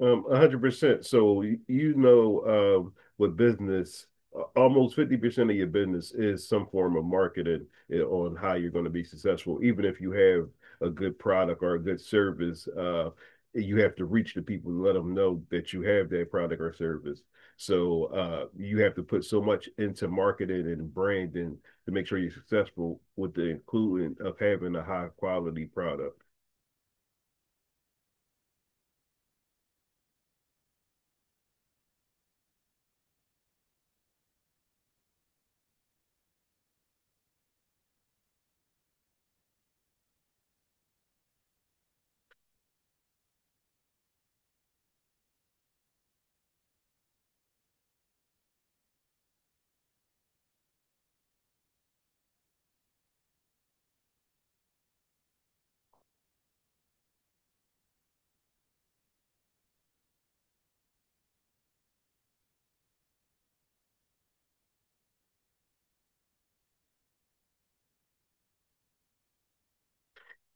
100%. So you with business, almost 50% of your business is some form of marketing on how you're going to be successful. Even if you have a good product or a good service, you have to reach the people and let them know that you have that product or service. So you have to put so much into marketing and branding to make sure you're successful with the including of having a high quality product.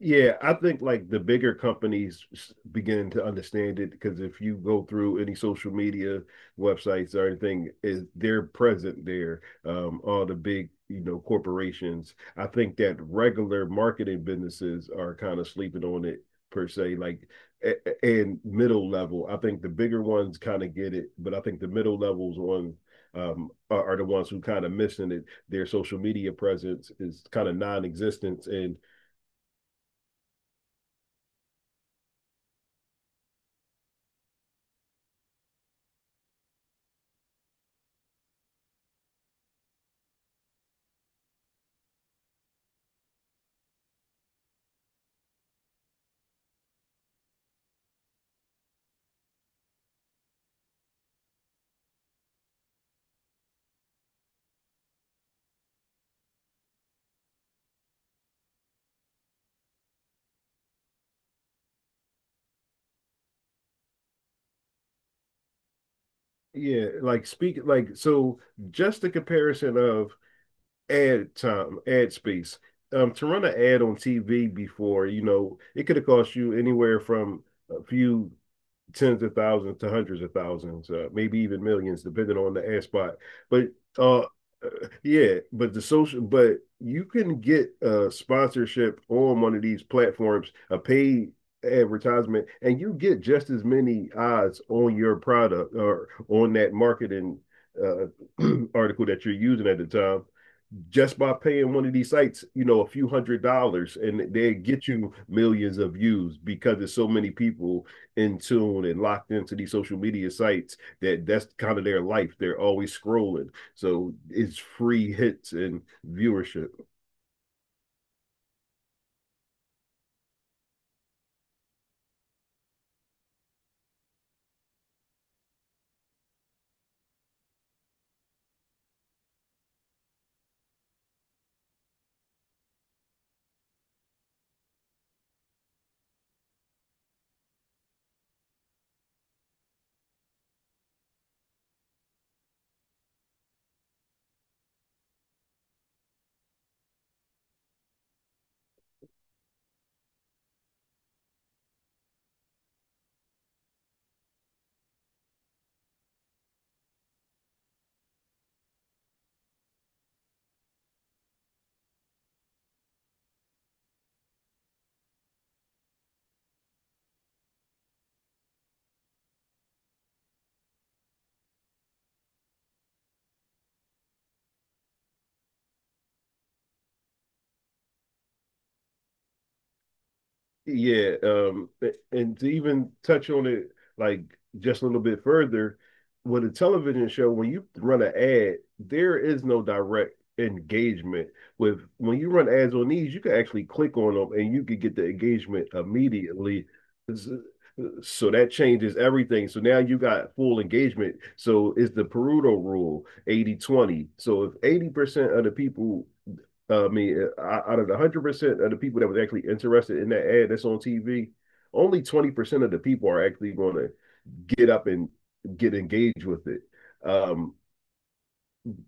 Yeah, I think like the bigger companies begin to understand it, because if you go through any social media websites or anything, is they're present there. All the big, you know, corporations. I think that regular marketing businesses are kind of sleeping on it per se, like and middle level. I think the bigger ones kind of get it, but I think the middle levels on are the ones who kind of missing it. Their social media presence is kind of non-existent. And yeah, like speak like so just the comparison of ad time, ad space. To run an ad on TV before, you know, it could have cost you anywhere from a few tens of thousands to hundreds of thousands, maybe even millions, depending on the ad spot. But uh, yeah, but the social, but you can get a sponsorship on one of these platforms, a paid advertisement, and you get just as many odds on your product or on that marketing uh, article that you're using at the time, just by paying one of these sites, you know, a few $100s, and they get you millions of views, because there's so many people in tune and locked into these social media sites that that's kind of their life. They're always scrolling, so it's free hits and viewership. Yeah, and to even touch on it, like, just a little bit further, with a television show, when you run an ad, there is no direct engagement. With when you run ads on these, you can actually click on them and you can get the engagement immediately. So that changes everything. So now you got full engagement. So it's the Pareto rule, 80-20. So if 80% of the people out of the 100% of the people that was actually interested in that ad that's on TV, only 20% of the people are actually going to get up and get engaged with it. Um,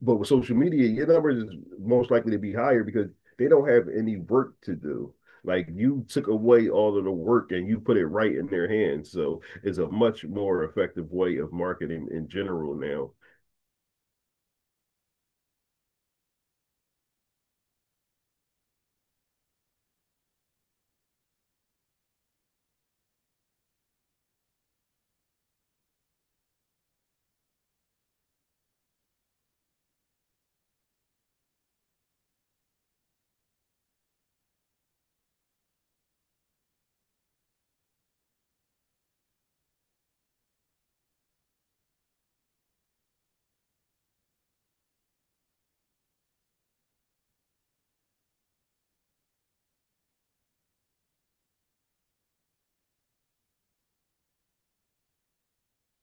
but with social media, your numbers is most likely to be higher, because they don't have any work to do. Like, you took away all of the work and you put it right in their hands. So it's a much more effective way of marketing in general now.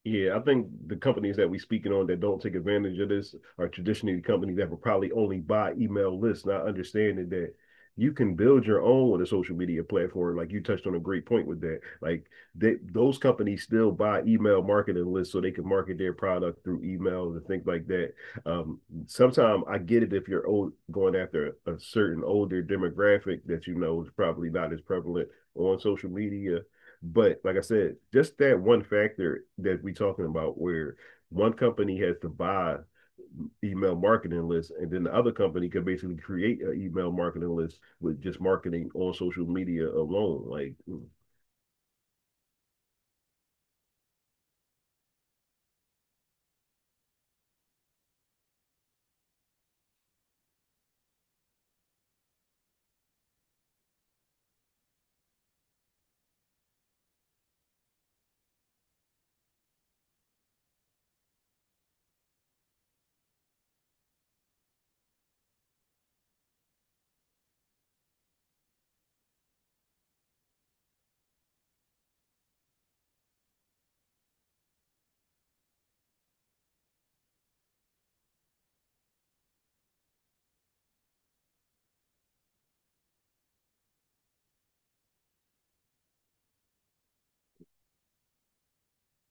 Yeah, I think the companies that we're speaking on that don't take advantage of this are traditionally the companies that will probably only buy email lists, not understanding that you can build your own with a social media platform. Like you touched on a great point with that. Like they, those companies still buy email marketing lists so they can market their product through email and things like that. Um, Sometimes I get it if you're old, going after a certain older demographic that you know is probably not as prevalent on social media, but like I said, just that one factor that we are talking about, where one company has to buy email marketing list, and then the other company could basically create an email marketing list with just marketing on social media alone. Like,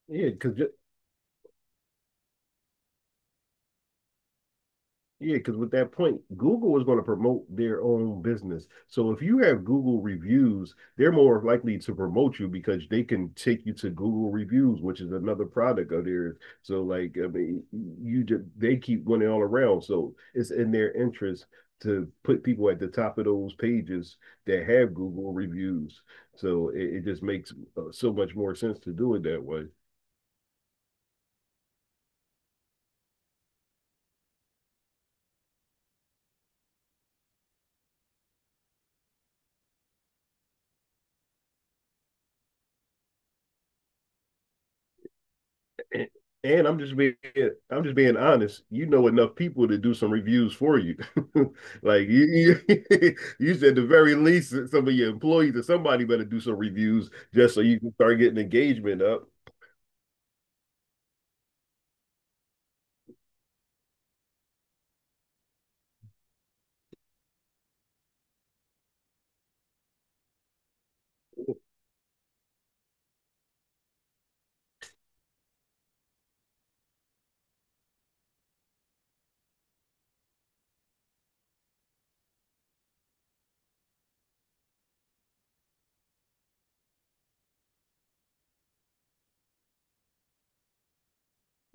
yeah, because yeah, because with that point, Google is going to promote their own business. So if you have Google reviews, they're more likely to promote you, because they can take you to Google reviews, which is another product of theirs. So like, I mean, you just, they keep winning all around. So it's in their interest to put people at the top of those pages that have Google reviews. So it just makes so much more sense to do it that way. and, and I'm just being, I'm just being honest. You know enough people to do some reviews for you. Like you, you said, the very least, some of your employees or somebody better do some reviews, just so you can start getting engagement up.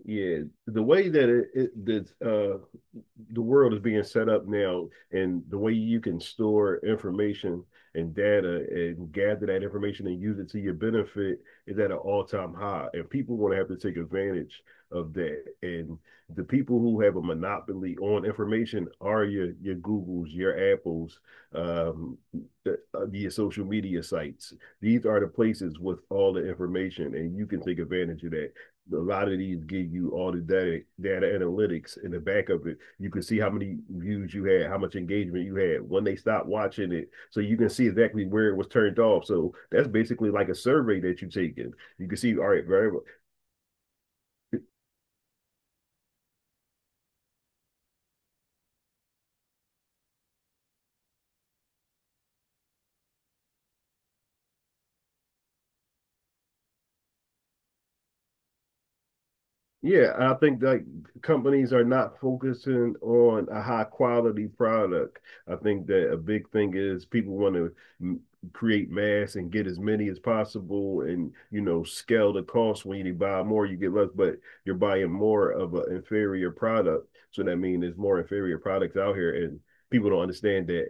Yeah, the way that it that the world is being set up now and the way you can store information and data and gather that information and use it to your benefit is at an all-time high, and people want to have to take advantage of that. And the people who have a monopoly on information are your googles, your apples, um the, your social media sites, these are the places with all the information, and you can take advantage of that. A lot of these give you all the data analytics in the back of it. You can see how many views you had, how much engagement you had, when they stopped watching it. So you can see exactly where it was turned off. So that's basically like a survey that you're taking. You can see, all right, very well. Yeah, I think like companies are not focusing on a high quality product. I think that a big thing is people want to m- create mass and get as many as possible, and, you know, scale the cost. When you buy more, you get less, but you're buying more of an inferior product. So that means there's more inferior products out here, and people don't understand that.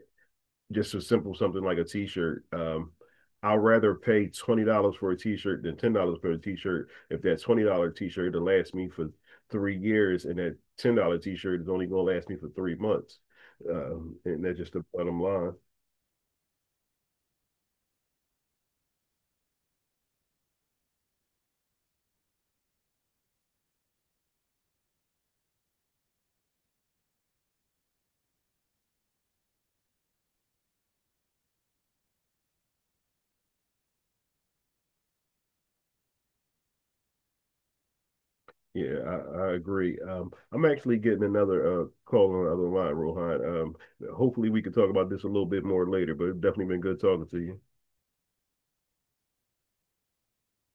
Just a simple something like a t-shirt. I'd rather pay $20 for a t-shirt than $10 for a t-shirt, if that $20 t-shirt will last me for 3 years, and that $10 t-shirt is only going to last me for 3 months. And that's just the bottom line. Yeah, I agree. I'm actually getting another call on the other line, Rohan. Hopefully we can talk about this a little bit more later. But it's definitely been good talking to you.